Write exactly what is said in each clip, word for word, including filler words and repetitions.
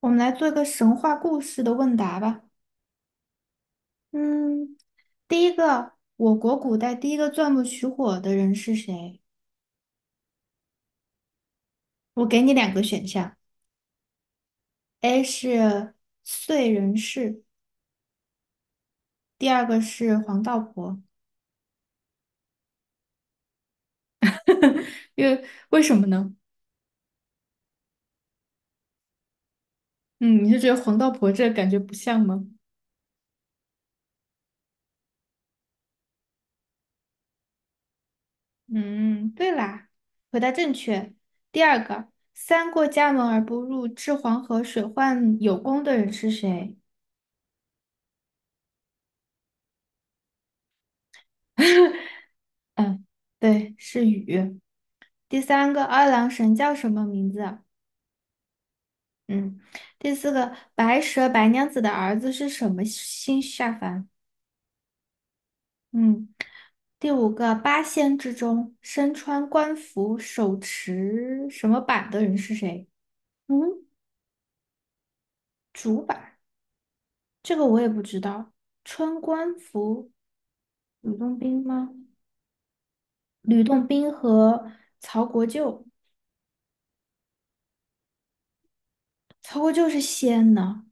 我们来做一个神话故事的问答吧。嗯，第一个，我国古代第一个钻木取火的人是谁？我给你两个选项，A 是燧人氏，第二个是黄道婆。因为为什么呢？嗯，你是觉得黄道婆这个感觉不像吗？嗯，对啦，回答正确。第二个，三过家门而不入，治黄河水患有功的人是谁？嗯，对，是禹。第三个，二郎神叫什么名字啊？嗯，第四个，白蛇白娘子的儿子是什么星下凡？嗯，第五个，八仙之中身穿官服、手持什么板的人是谁？嗯，这个我也不知道。穿官服，吕洞宾吗？吕洞宾和曹国舅，曹国舅是仙呢，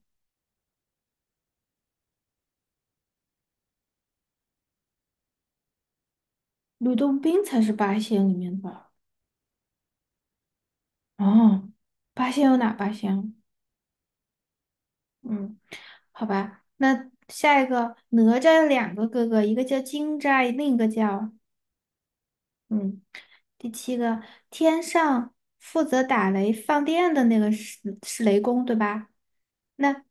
吕洞宾才是八仙里面的。哦，八仙有哪八仙啊？嗯，好吧，那下一个哪吒有两个哥哥，一个叫金吒，另一个叫。嗯，第七个天上负责打雷放电的那个是是雷公对吧？那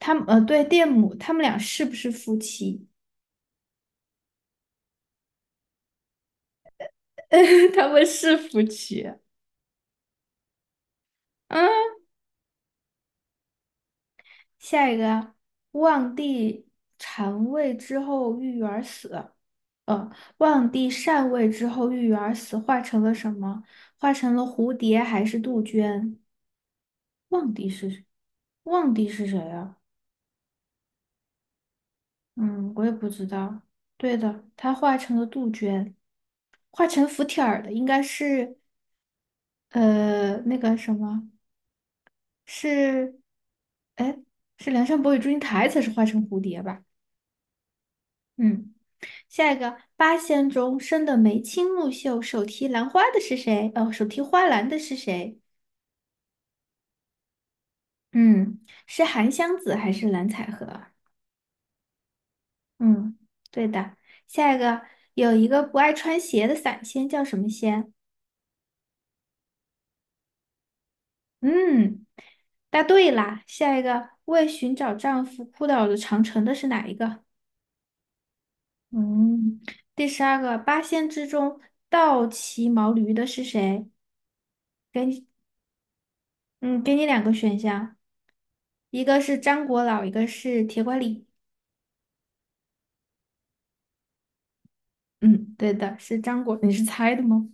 他们呃对，电母，他们俩是不是夫妻？他们是夫妻。嗯，下一个望帝禅位之后郁而死，呃，望帝禅位之后，郁郁而死化成了什么？化成了蝴蝶还是杜鹃？望帝是谁？望帝是谁啊？嗯，我也不知道。对的，他化成了杜鹃，化成福帖儿的应该是呃那个什么。是，哎，是梁山伯与祝英台才是化成蝴蝶吧？嗯，下一个八仙中生的眉清目秀，手提兰花的是谁？哦，手提花篮的是谁？嗯，是韩湘子还是蓝采和啊？嗯，对的。下一个，有一个不爱穿鞋的散仙叫什么仙？嗯，答对啦。下一个，为寻找丈夫哭倒了长城的是哪一个？嗯，第十二个八仙之中倒骑毛驴的是谁？嗯，给你两个选项，一个是张果老，一个是铁拐李。嗯，对的，是张果。你是猜的吗？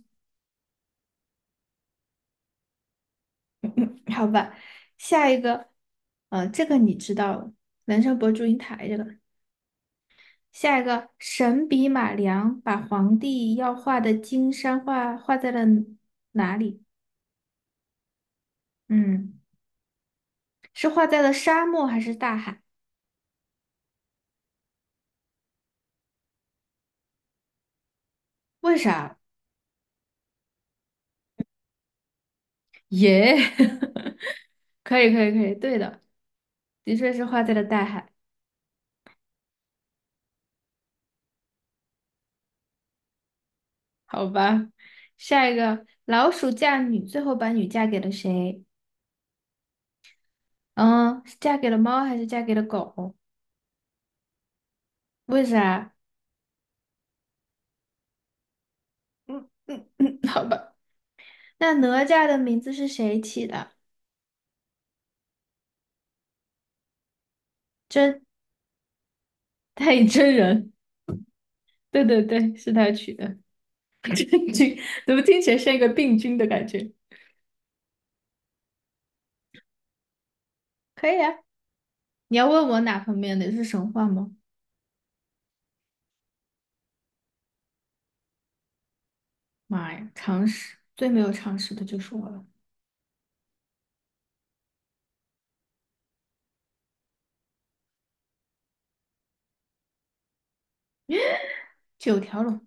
好吧，下一个，呃，这个你知道了，人生博祝英台这个。下一个，神笔马良把皇帝要画的金山画画在了，嗯，是画在了沙漠还是大海？为啥？耶、可以可以可以，对的，的确是画在了大海。好吧，下一个，老鼠嫁女，最后把女嫁给了谁？嗯，是嫁给了猫还是嫁给了狗？为啥？嗯嗯嗯，嗯，好吧。那哪吒的名字是谁起的？真，太乙真人。对对对，是他取的。真君，怎么听起来像一个病菌的感觉？可以啊。你要问我哪方面的是神话吗？妈呀，常识，最没有常识的就是我了。九条龙，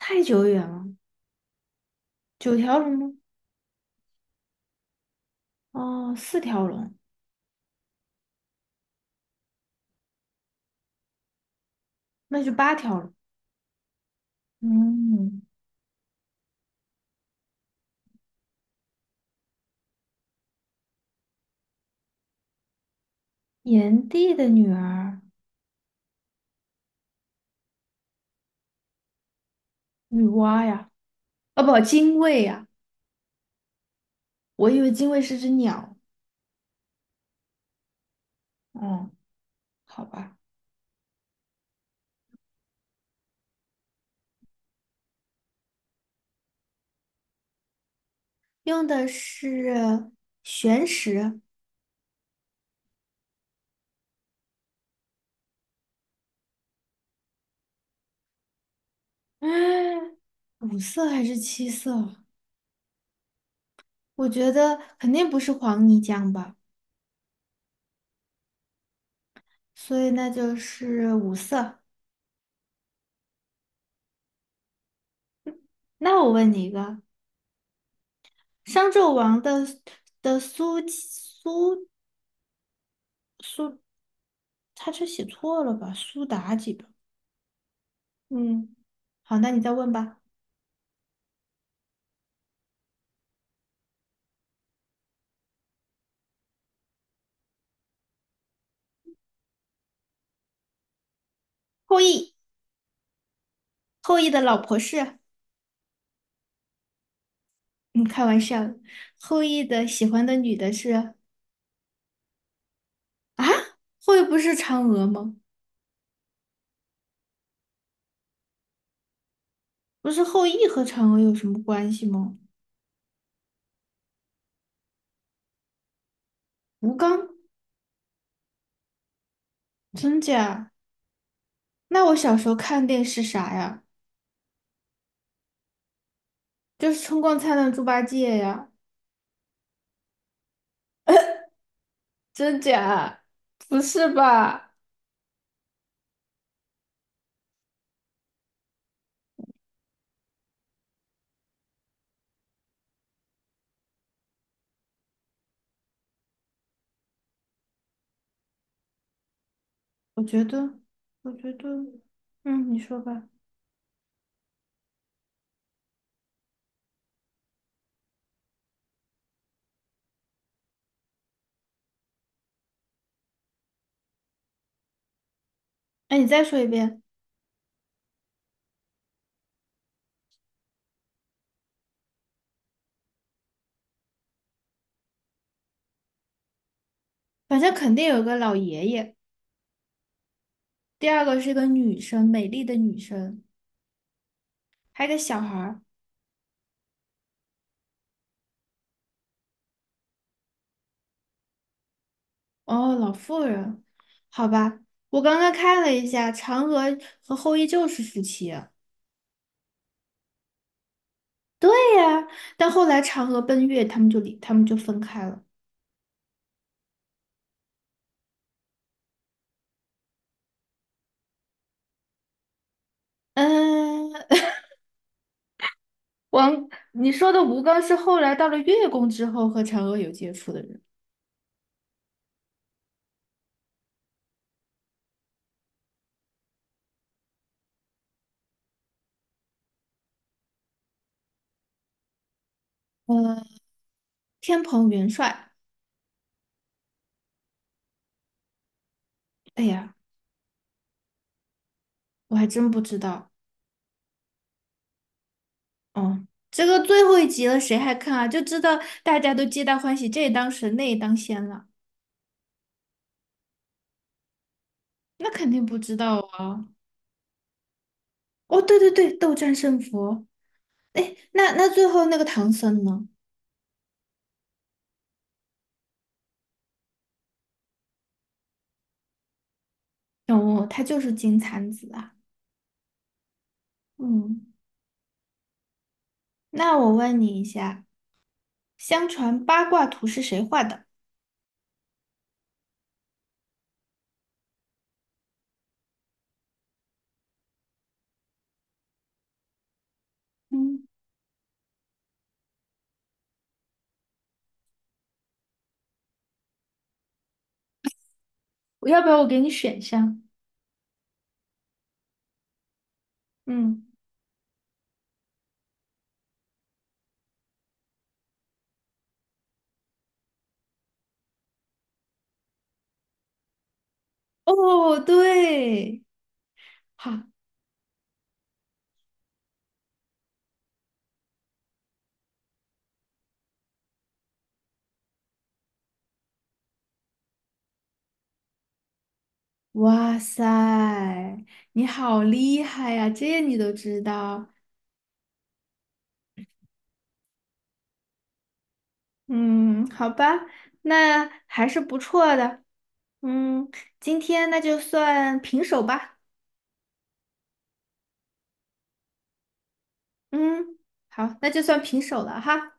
太久远了，九条龙吗？哦，四条龙，那就八条龙。嗯，炎帝的女儿，女娲呀，哦不，精卫呀，我以为精卫是只鸟。嗯，好吧，用的是玄石，嗯，五色还是七色？我觉得肯定不是黄泥浆吧，所以那就是五色。那我问你一个，商纣王的的苏苏苏，他这写错了吧？苏妲己吧？嗯，好，那你再问吧。后羿，后羿的老婆是？嗯，开玩笑的。后羿的喜欢的女的是啊？后羿不是嫦娥吗？不是后羿和嫦娥有什么关系吗？吴刚，真假？那我小时候看电视啥呀？就是《春光灿烂猪八戒》呀，真假？不是吧？我觉得，我觉得，嗯，你说吧。哎，你再说一遍。反正肯定有个老爷爷，第二个是个女生，美丽的女生，还有个小孩儿。哦，老妇人，好吧。我刚刚看了一下，嫦娥和后羿就是夫妻。啊！但后来嫦娥奔月，他们就离，他们就分开了。嗯，王，你说的吴刚是后来到了月宫之后和嫦娥有接触的人。呃，天蓬元帅，哎呀，我还真不知道。哦，这个最后一集了，谁还看啊？就知道大家都皆大欢喜，这也当神，那也当仙了，那肯定不知道啊。哦，对对对，斗战胜佛。哎，那那最后那个唐僧呢？哦，他就是金蝉子啊。嗯，那我问你一下。相传八卦图是谁画的？嗯，我要不要我给你选项？嗯，哦，对，好，哇塞，你好厉害呀，这你都知道。嗯，好吧，那还是不错的。嗯，今天那就算平手吧。嗯，好，那就算平手了哈。